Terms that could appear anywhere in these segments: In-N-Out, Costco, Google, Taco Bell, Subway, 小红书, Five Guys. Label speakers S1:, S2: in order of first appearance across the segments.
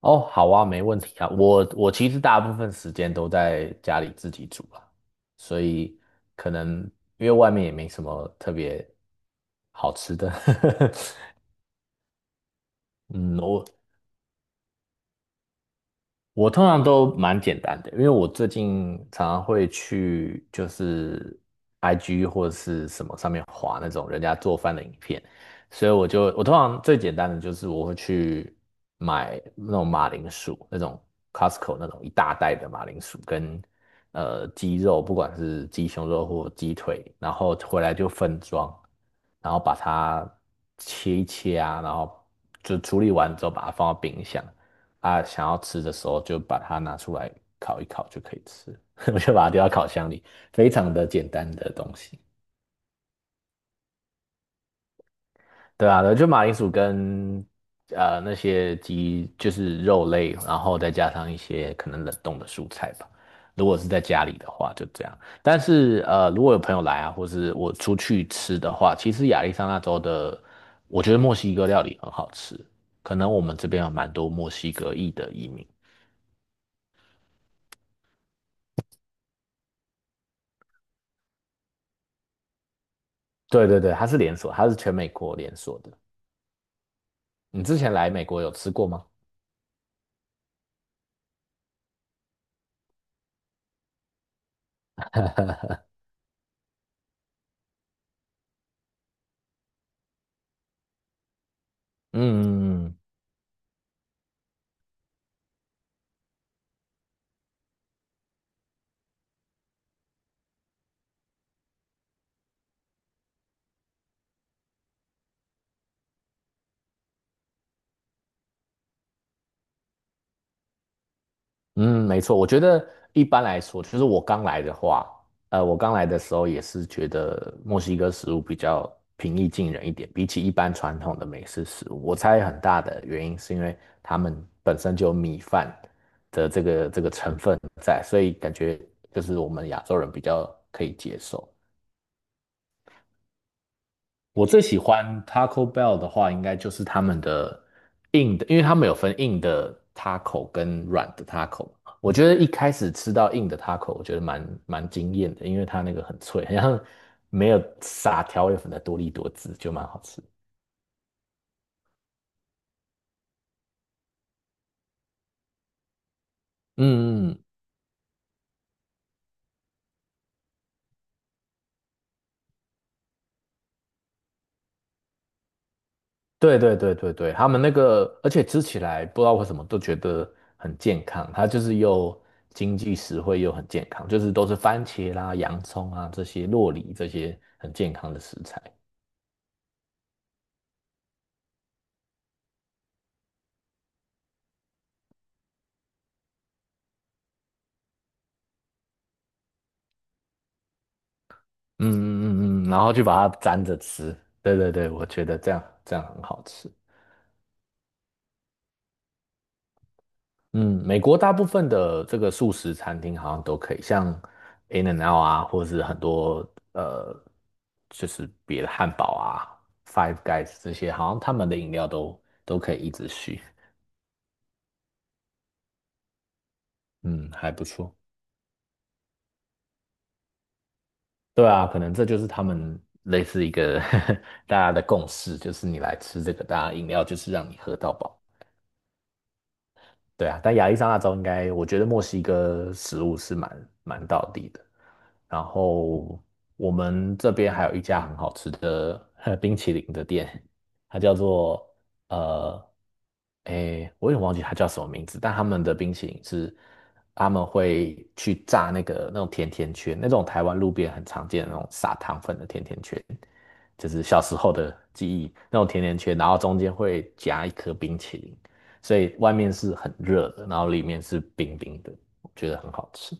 S1: 哦，好啊，没问题啊。我其实大部分时间都在家里自己煮啊，所以可能因为外面也没什么特别好吃的。嗯，我我通常都蛮简单的，因为我最近常常会去就是 IG 或者是什么上面划那种人家做饭的影片，所以我通常最简单的就是我会去买那种马铃薯，那种 Costco 那种一大袋的马铃薯跟鸡肉，不管是鸡胸肉或鸡腿，然后回来就分装，然后把它切一切啊，然后就处理完之后把它放到冰箱。啊，想要吃的时候就把它拿出来烤一烤就可以吃，我就把它丢到烤箱里，非常的简单的东西。对啊，就马铃薯跟那些鸡就是肉类，然后再加上一些可能冷冻的蔬菜吧。如果是在家里的话，就这样。但是如果有朋友来啊，或是我出去吃的话，其实亚利桑那州的，我觉得墨西哥料理很好吃。可能我们这边有蛮多墨西哥裔的移民。对对对，它是连锁，它是全美国连锁的。你之前来美国有吃过吗？嗯嗯，没错。我觉得一般来说，其实我刚来的话，呃，我刚来的时候也是觉得墨西哥食物比较平易近人一点，比起一般传统的美式食物，我猜很大的原因是因为他们本身就有米饭的这个成分在，所以感觉就是我们亚洲人比较可以接受。我最喜欢 Taco Bell 的话，应该就是他们的硬的，因为他们有分硬的 taco 跟软的 taco。我觉得一开始吃到硬的 taco，我觉得蛮惊艳的，因为它那个很脆，好像没有撒调味粉的多利多滋，就蛮好吃。嗯嗯，对对对对对，他们那个，而且吃起来不知道为什么都觉得很健康，它就是又经济实惠又很健康，就是都是番茄啦、洋葱啊这些洛梨这些很健康的食材。嗯嗯嗯嗯，然后就把它沾着吃。对对对，我觉得这样很好吃。嗯，美国大部分的这个素食餐厅好像都可以，像 In-N-Out 啊，或者是很多就是别的汉堡啊、Five Guys 这些，好像他们的饮料都可以一直续。嗯，还不错。对啊，可能这就是他们类似一个 大家的共识，就是你来吃这个，大家饮料就是让你喝到饱。对啊，但亚利桑那州应该，我觉得墨西哥食物是蛮道地的。然后我们这边还有一家很好吃的冰淇淋的店，它叫做呃，我也忘记它叫什么名字，但他们的冰淇淋是他们会去炸那个那种甜甜圈，那种台湾路边很常见的那种撒糖粉的甜甜圈，就是小时候的记忆那种甜甜圈，然后中间会夹一颗冰淇淋。所以外面是很热的，然后里面是冰冰的，我觉得很好吃。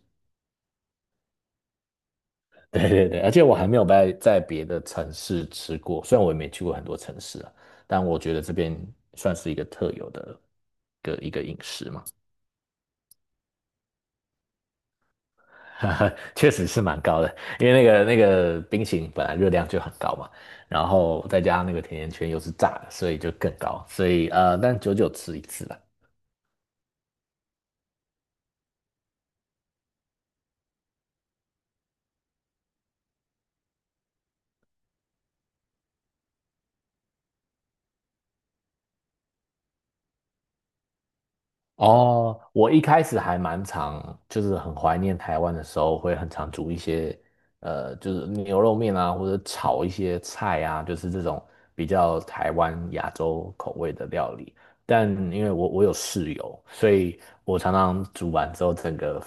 S1: 对对对，而且我还没有在别的城市吃过，虽然我也没去过很多城市啊，但我觉得这边算是一个特有的一个饮食嘛，确实是蛮高的，因为那个冰淇淋本来热量就很高嘛，然后再加上那个甜甜圈又是炸的，所以就更高，所以呃，但久久吃一次啦。哦，我一开始还蛮常，就是很怀念台湾的时候，会很常煮一些，呃，就是牛肉面啊，或者炒一些菜啊，就是这种比较台湾亚洲口味的料理。但因为我有室友，所以我常常煮完之后，整个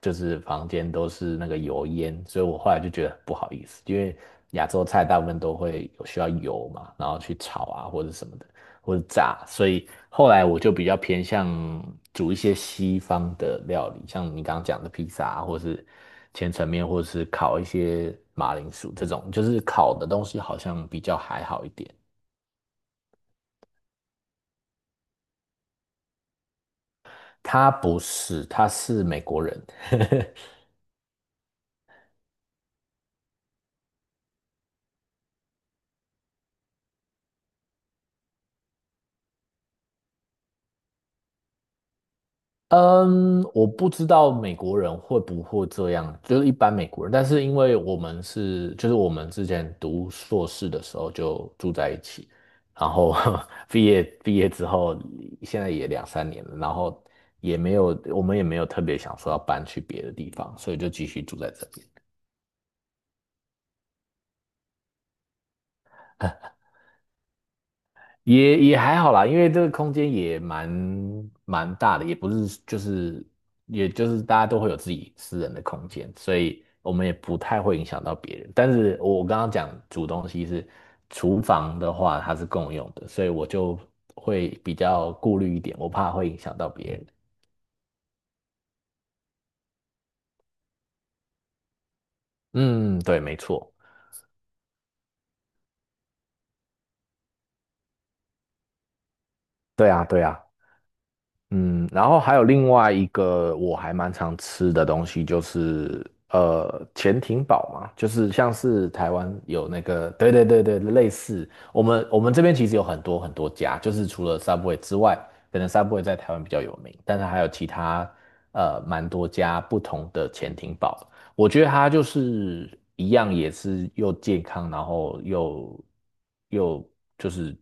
S1: 就是房间都是那个油烟，所以我后来就觉得不好意思，因为亚洲菜大部分都会有需要油嘛，然后去炒啊或者什么的。或者炸，所以后来我就比较偏向煮一些西方的料理，像你刚刚讲的披萨啊，或是千层面，或是烤一些马铃薯这种，就是烤的东西好像比较还好一点。他不是，他是美国人。嗯，我不知道美国人会不会这样，就是一般美国人。但是因为我们是，就是我们之前读硕士的时候就住在一起，然后 毕业之后，现在也两三年了，然后也没有，我们也没有特别想说要搬去别的地方，所以就继续住在这边。也也还好啦，因为这个空间也蛮大的，也不是就是也就是大家都会有自己私人的空间，所以我们也不太会影响到别人。但是我刚刚讲煮东西是厨房的话，它是共用的，所以我就会比较顾虑一点，我怕会影响到别人。嗯，对，没错，对啊，对啊。嗯，然后还有另外一个我还蛮常吃的东西，就是潜艇堡嘛，就是像是台湾有那个，对对对对，类似我们这边其实有很多很多家，就是除了 Subway 之外，可能 Subway 在台湾比较有名，但是还有其他蛮多家不同的潜艇堡，我觉得它就是一样，也是又健康，然后又就是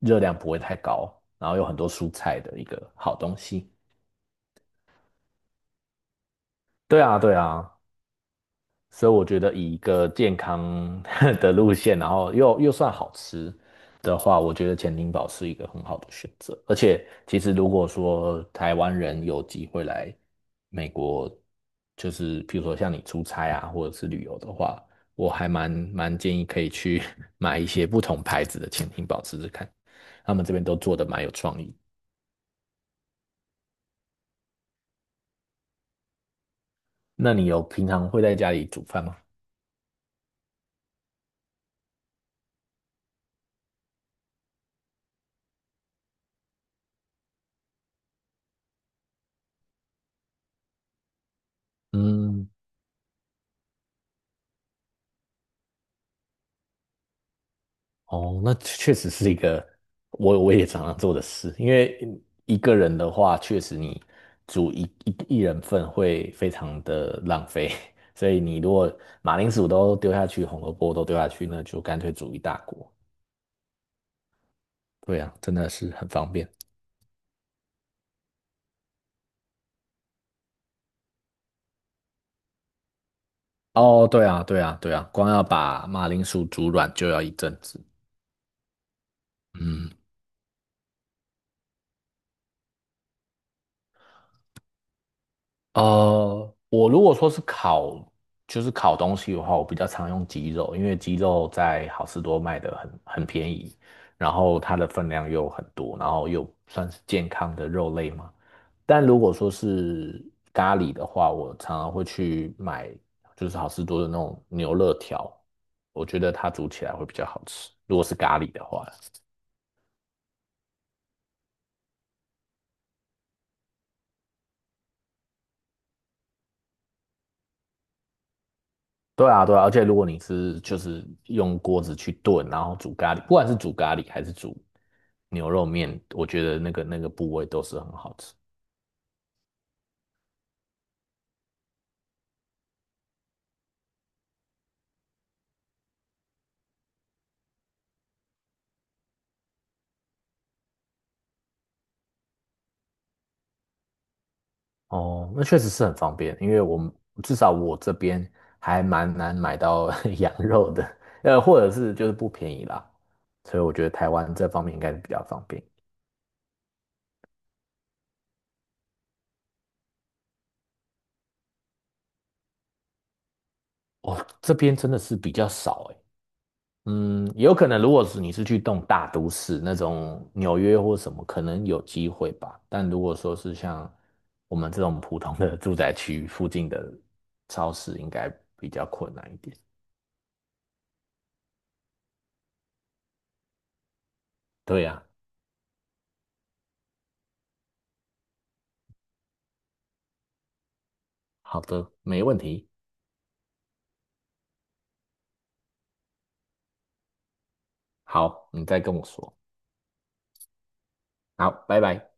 S1: 热量不会太高，然后有很多蔬菜的一个好东西。对啊，对啊，所以我觉得以一个健康 的路线，然后又算好吃的话，我觉得潜艇堡是一个很好的选择。而且，其实如果说台湾人有机会来美国，就是譬如说像你出差啊，或者是旅游的话，我还蛮建议可以去 买一些不同牌子的潜艇堡试试看，他们这边都做的蛮有创意。那你有平常会在家里煮饭吗？嗯。哦，那确实是一个我也常常做的事，因为一个人的话，确实你煮一人份会非常的浪费，所以你如果马铃薯都丢下去，红萝卜都丢下去，那就干脆煮一大锅。对啊，真的是很方便。哦，对啊，对啊，对啊，光要把马铃薯煮软就要一阵子。嗯，呃，我如果说是烤，就是烤东西的话，我比较常用鸡肉，因为鸡肉在好市多卖的很便宜，然后它的分量又很多，然后又算是健康的肉类嘛。但如果说是咖喱的话，我常常会去买，就是好市多的那种牛肋条，我觉得它煮起来会比较好吃。如果是咖喱的话。对啊，对啊，而且如果你是就是用锅子去炖，然后煮咖喱，不管是煮咖喱还是煮牛肉面，我觉得那个部位都是很好吃。哦，那确实是很方便，因为我们至少我这边还蛮难买到 羊肉的，呃，或者是就是不便宜啦，所以我觉得台湾这方面应该是比较方便。哦，这边真的是比较少诶，嗯，有可能，如果是你是去动大都市那种纽约或什么，可能有机会吧。但如果说是像我们这种普通的住宅区附近的超市，应该比较困难一点。对呀，好的，没问题。好，你再跟我说。好，拜拜。